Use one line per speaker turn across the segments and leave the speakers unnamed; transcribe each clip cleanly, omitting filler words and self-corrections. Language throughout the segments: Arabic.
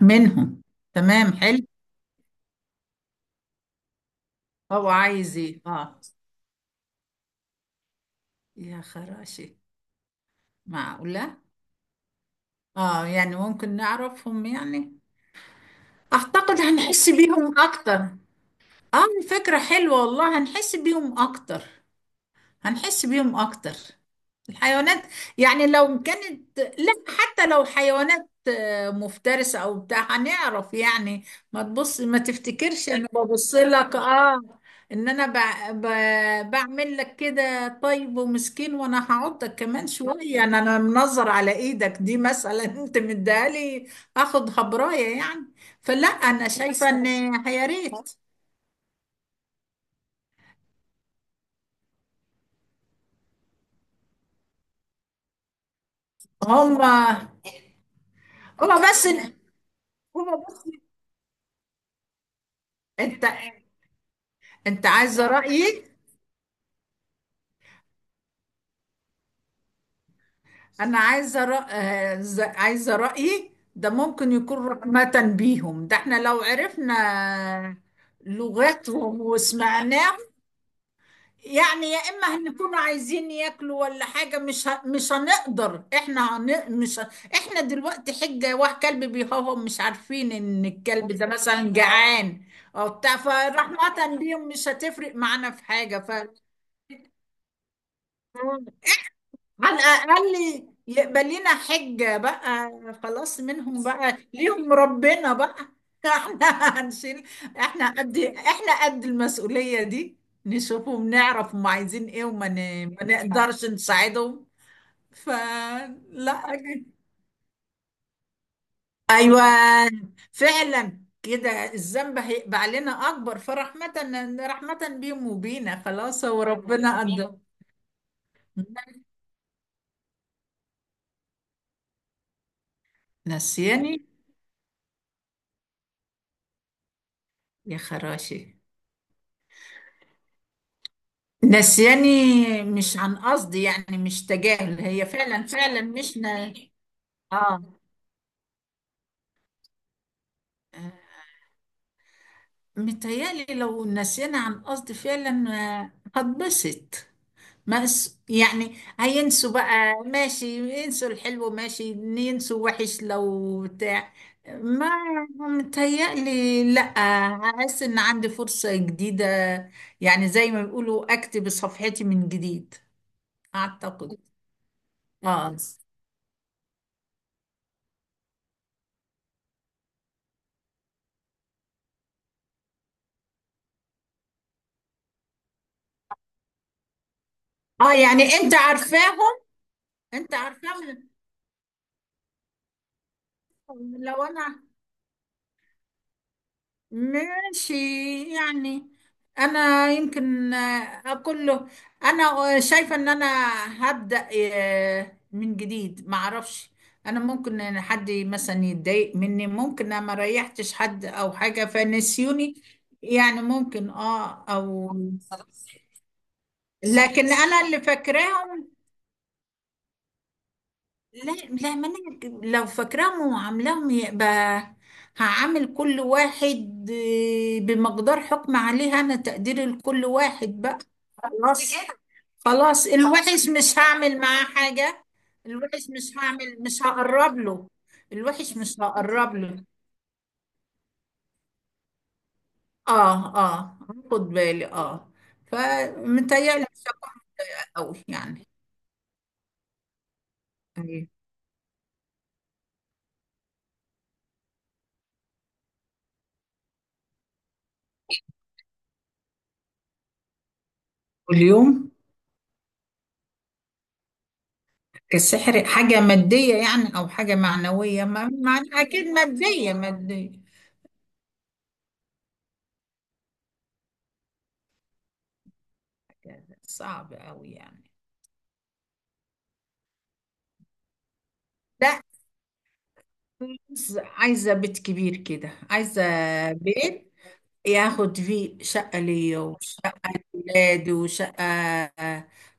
منهم. تمام، حلو. هو عايز ايه، اه. يا خراشي، معقولة. اه، يعني ممكن نعرفهم يعني. اعتقد هنحس بيهم اكتر. اه، الفكرة حلوة والله، هنحس بيهم اكتر. هنحس بيهم اكتر، الحيوانات. يعني لو كانت، لا، حتى لو حيوانات مفترسة او بتاع هنعرف يعني. ما تبص، ما تفتكرش انا ببص لك اه. ان انا بعمل لك كده، طيب ومسكين، وانا هعضك كمان شوية. انا منظر على ايدك دي مثلا انت مديهالي اخد هبراية يعني. فلا، انا شايفة ان... يا ريت. هما هما بس هما بس انت انت عايزه رايي. انا عايزه عايزه رايي، ده ممكن يكون رحمه بيهم. ده احنا لو عرفنا لغتهم وسمعناهم، يعني يا اما هنكون عايزين ياكلوا ولا حاجه، مش هنقدر، احنا هن... مش ه... احنا دلوقتي حجه واحد كلب بيهوهو، مش عارفين ان الكلب ده مثلا جعان او بتاع. فرحمه بيهم مش هتفرق معانا في حاجه، على الأقل يقبل لنا حجة بقى. خلاص، منهم بقى، ليهم ربنا بقى. احنا هنشيل، احنا قد المسؤولية دي، نشوفهم، نعرف هم عايزين ايه ما نقدرش نساعدهم فلا. ايوه، فعلا كده الذنب هيبقى علينا اكبر، فرحمة، رحمة بيهم وبينا، خلاص هو ربنا قدر. نسياني، يا خراشي، نسياني مش عن قصد يعني، مش تجاهل، هي فعلا فعلا مش ن... آه، متهيألي لو نسينا عن قصد فعلا هتبسط. ما اس- يعني هينسوا بقى ماشي، ينسوا الحلو ماشي، ينسوا وحش لو بتاع، ما متهيألي لأ. أحس إن عندي فرصة جديدة، يعني زي ما بيقولوا أكتب صفحتي من جديد. أعتقد. آه. آه، يعني أنت عارفاهم. انت عارفه. لو انا، ماشي يعني، انا يمكن اقول له انا شايفه ان انا هبدا من جديد، ما اعرفش. انا ممكن ان حد مثلا يتضايق مني، ممكن انا ما ريحتش حد او حاجه فنسيوني، يعني ممكن، اه، او... لكن انا اللي فاكراهم. لا لا، ما انا لو فاكراهم وعاملاهم، يبقى هعمل كل واحد بمقدار حكم عليه انا، تقدير لكل واحد بقى. خلاص بجد، خلاص الوحش مش هعمل معاه حاجة. الوحش مش هقرب له، الوحش مش هقرب له. اه اه، خد بالي اه، فمتهيألي مش هقرب قوي يعني. أيوة. واليوم، السحر حاجة مادية يعني أو حاجة معنوية؟ أكيد مادية، مادية. صعب أوي يعني. لا، عايزة بيت كبير كده، عايزة بيت ياخد فيه شقة ليا، وشقة لولادي، وشقة...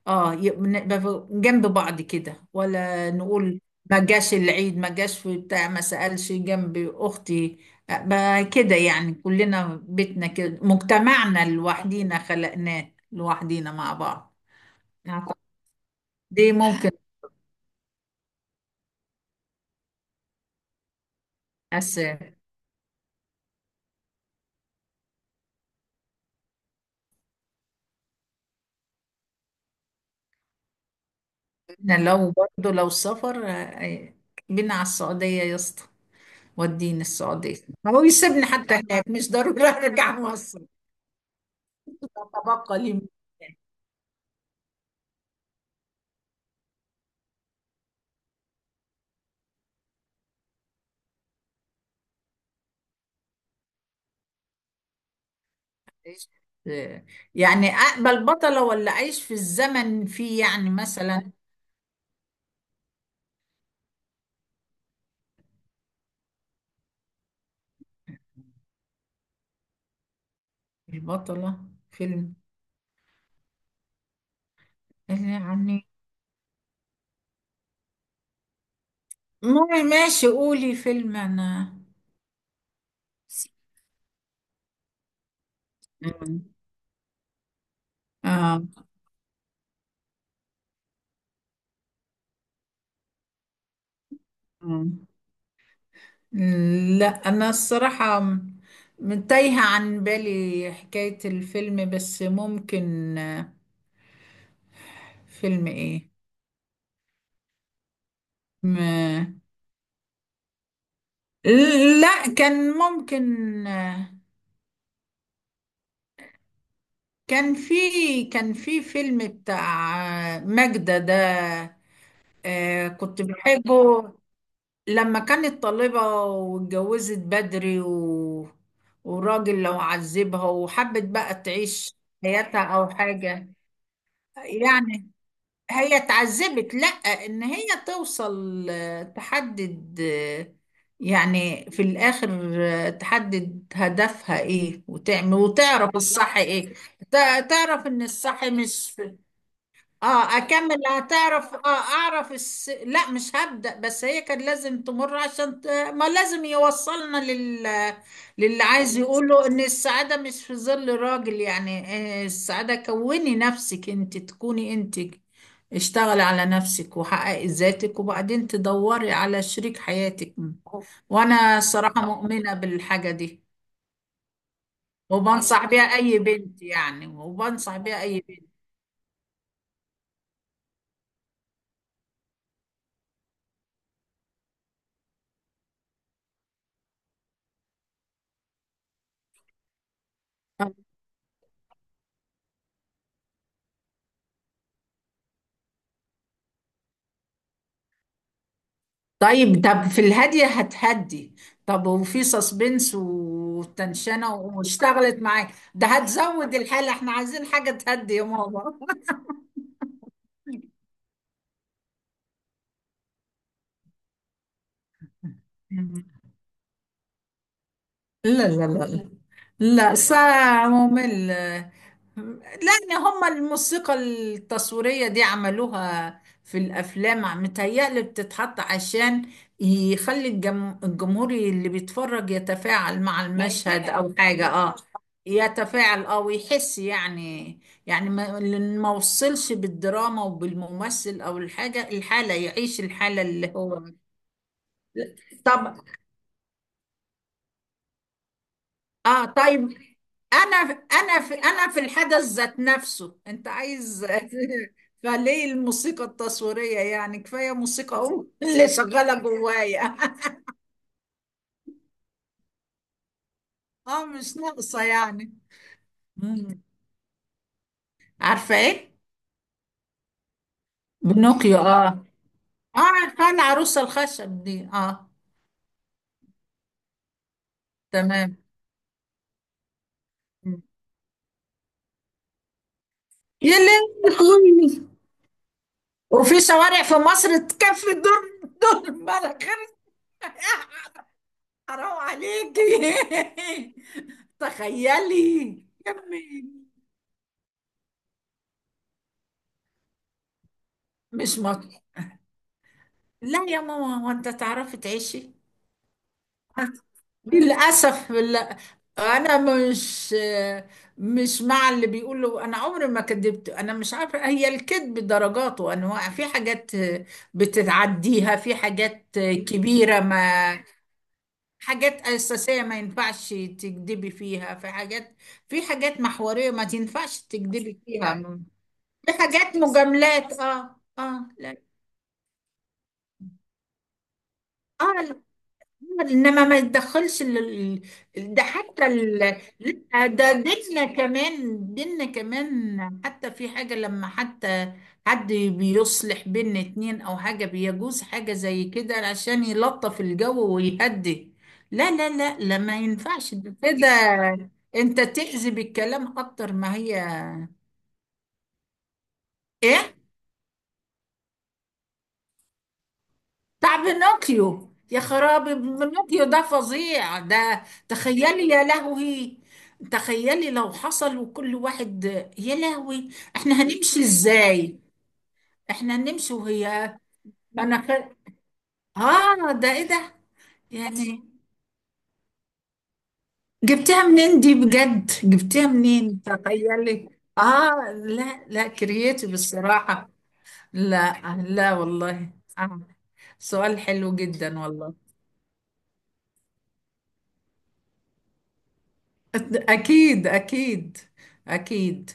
اه، يبقى نبقى جنب بعض كده، ولا نقول ما جاش العيد، ما جاش في بتاع، ما سألش جنب أختي، بقى كده يعني. كلنا بيتنا كده، مجتمعنا لوحدينا، خلقناه لوحدينا مع بعض. أعتقد دي ممكن. بس احنا، لو برضه لو سفر بينا على السعودية يا اسطى، وديني السعودية، هو يسيبني حتى هناك، مش ضروري أرجع مصر، تتبقى لي. آه. يعني أقبل بطلة، ولا أعيش في الزمن فيه يعني مثلا؟ البطلة فيلم يعني... ماشي، قولي فيلم أنا. مم. آه. مم. لا، أنا الصراحة تايهة عن بالي حكاية الفيلم، بس ممكن فيلم إيه؟ لا، كان ممكن كان في كان في فيلم بتاع ماجدة ده، كنت بحبه. لما كانت طالبة واتجوزت بدري و... وراجل لو عذبها، وحبت بقى تعيش حياتها أو حاجة يعني. هي اتعذبت، لا، ان هي توصل تحدد يعني في الاخر تحدد هدفها ايه، وتعمل، وتعرف الصح ايه. تعرف ان الصح مش... اه اكمل، هتعرف اه، لا مش هبدأ، بس هي كان لازم تمر عشان ت... ما لازم يوصلنا لل... للي عايز يقوله، ان السعادة مش في ظل راجل يعني. السعادة كوني نفسك، انت تكوني انت، اشتغلي على نفسك وحققي ذاتك وبعدين تدوري على شريك حياتك. وانا صراحة مؤمنة بالحاجة دي، وبنصح بيها اي بنت يعني، وبنصح بيها اي بنت. طيب، طب في الهادية هتهدي، طب وفي سسبنس وتنشنة واشتغلت معاك ده هتزود الحالة، احنا عايزين حاجة تهدي يا ماما. لا لا لا لا، لا ساعة ممل. لأن هما الموسيقى التصويرية دي عملوها في الأفلام، متهيألي بتتحط عشان يخلي الجمهور اللي بيتفرج يتفاعل مع المشهد أو حاجة، اه. يتفاعل، اه، ويحس يعني. يعني ما لأن ما وصلش بالدراما وبالممثل أو الحاجة، الحالة يعيش الحالة اللي هو... طب، اه طيب، انا انا في الحدث ذات نفسه انت عايز فليه الموسيقى التصويرية يعني؟ كفاية موسيقى أم اللي شغالة جوايا. اه، مش ناقصة يعني. مم. عارفة ايه؟ بنوكيو، اه اه، عارفة العروسة الخشب دي، اه، تمام. مم. يا لهوي، وفي شوارع في مصر تكفي؟ دور الملك حرام عليكي تخيلي، يا امي. مش مط... لا يا ماما، هو انت تعرفي تعيشي؟ للاسف لا، انا مش، مع اللي بيقولوا انا عمري ما كذبت. انا مش عارفه، هي الكذب درجات وانواع، في حاجات بتتعديها، في حاجات كبيره ما... حاجات اساسيه ما ينفعش تكذبي فيها، في حاجات محوريه ما تنفعش تكذبي فيها. في حاجات مجاملات، اه اه، لا اه، لا. انما ما يتدخلش ده حتى ال... لا، ده ديننا كمان، ديننا كمان حتى في حاجة، لما حتى حد بيصلح بين اتنين او حاجة، بيجوز حاجة زي كده عشان يلطف الجو ويهدي. لا لا لا لا، ما ينفعش ده كده، انت تأذي بالكلام اكتر. ما هي ايه بتاع بينوكيو؟ يا خرابي، بينوكيو ده فظيع ده، تخيلي. يا لهوي، تخيلي لو حصل وكل واحد... يا لهوي، احنا هنمشي ازاي؟ احنا هنمشي وهي... انا ك... اه ده ايه ده؟ يعني جبتها منين دي بجد، جبتها منين، تخيلي. اه، لا لا، كرييتيف الصراحة، لا لا والله. آه. سؤال حلو جدا والله. أكيد، أكيد أكيد.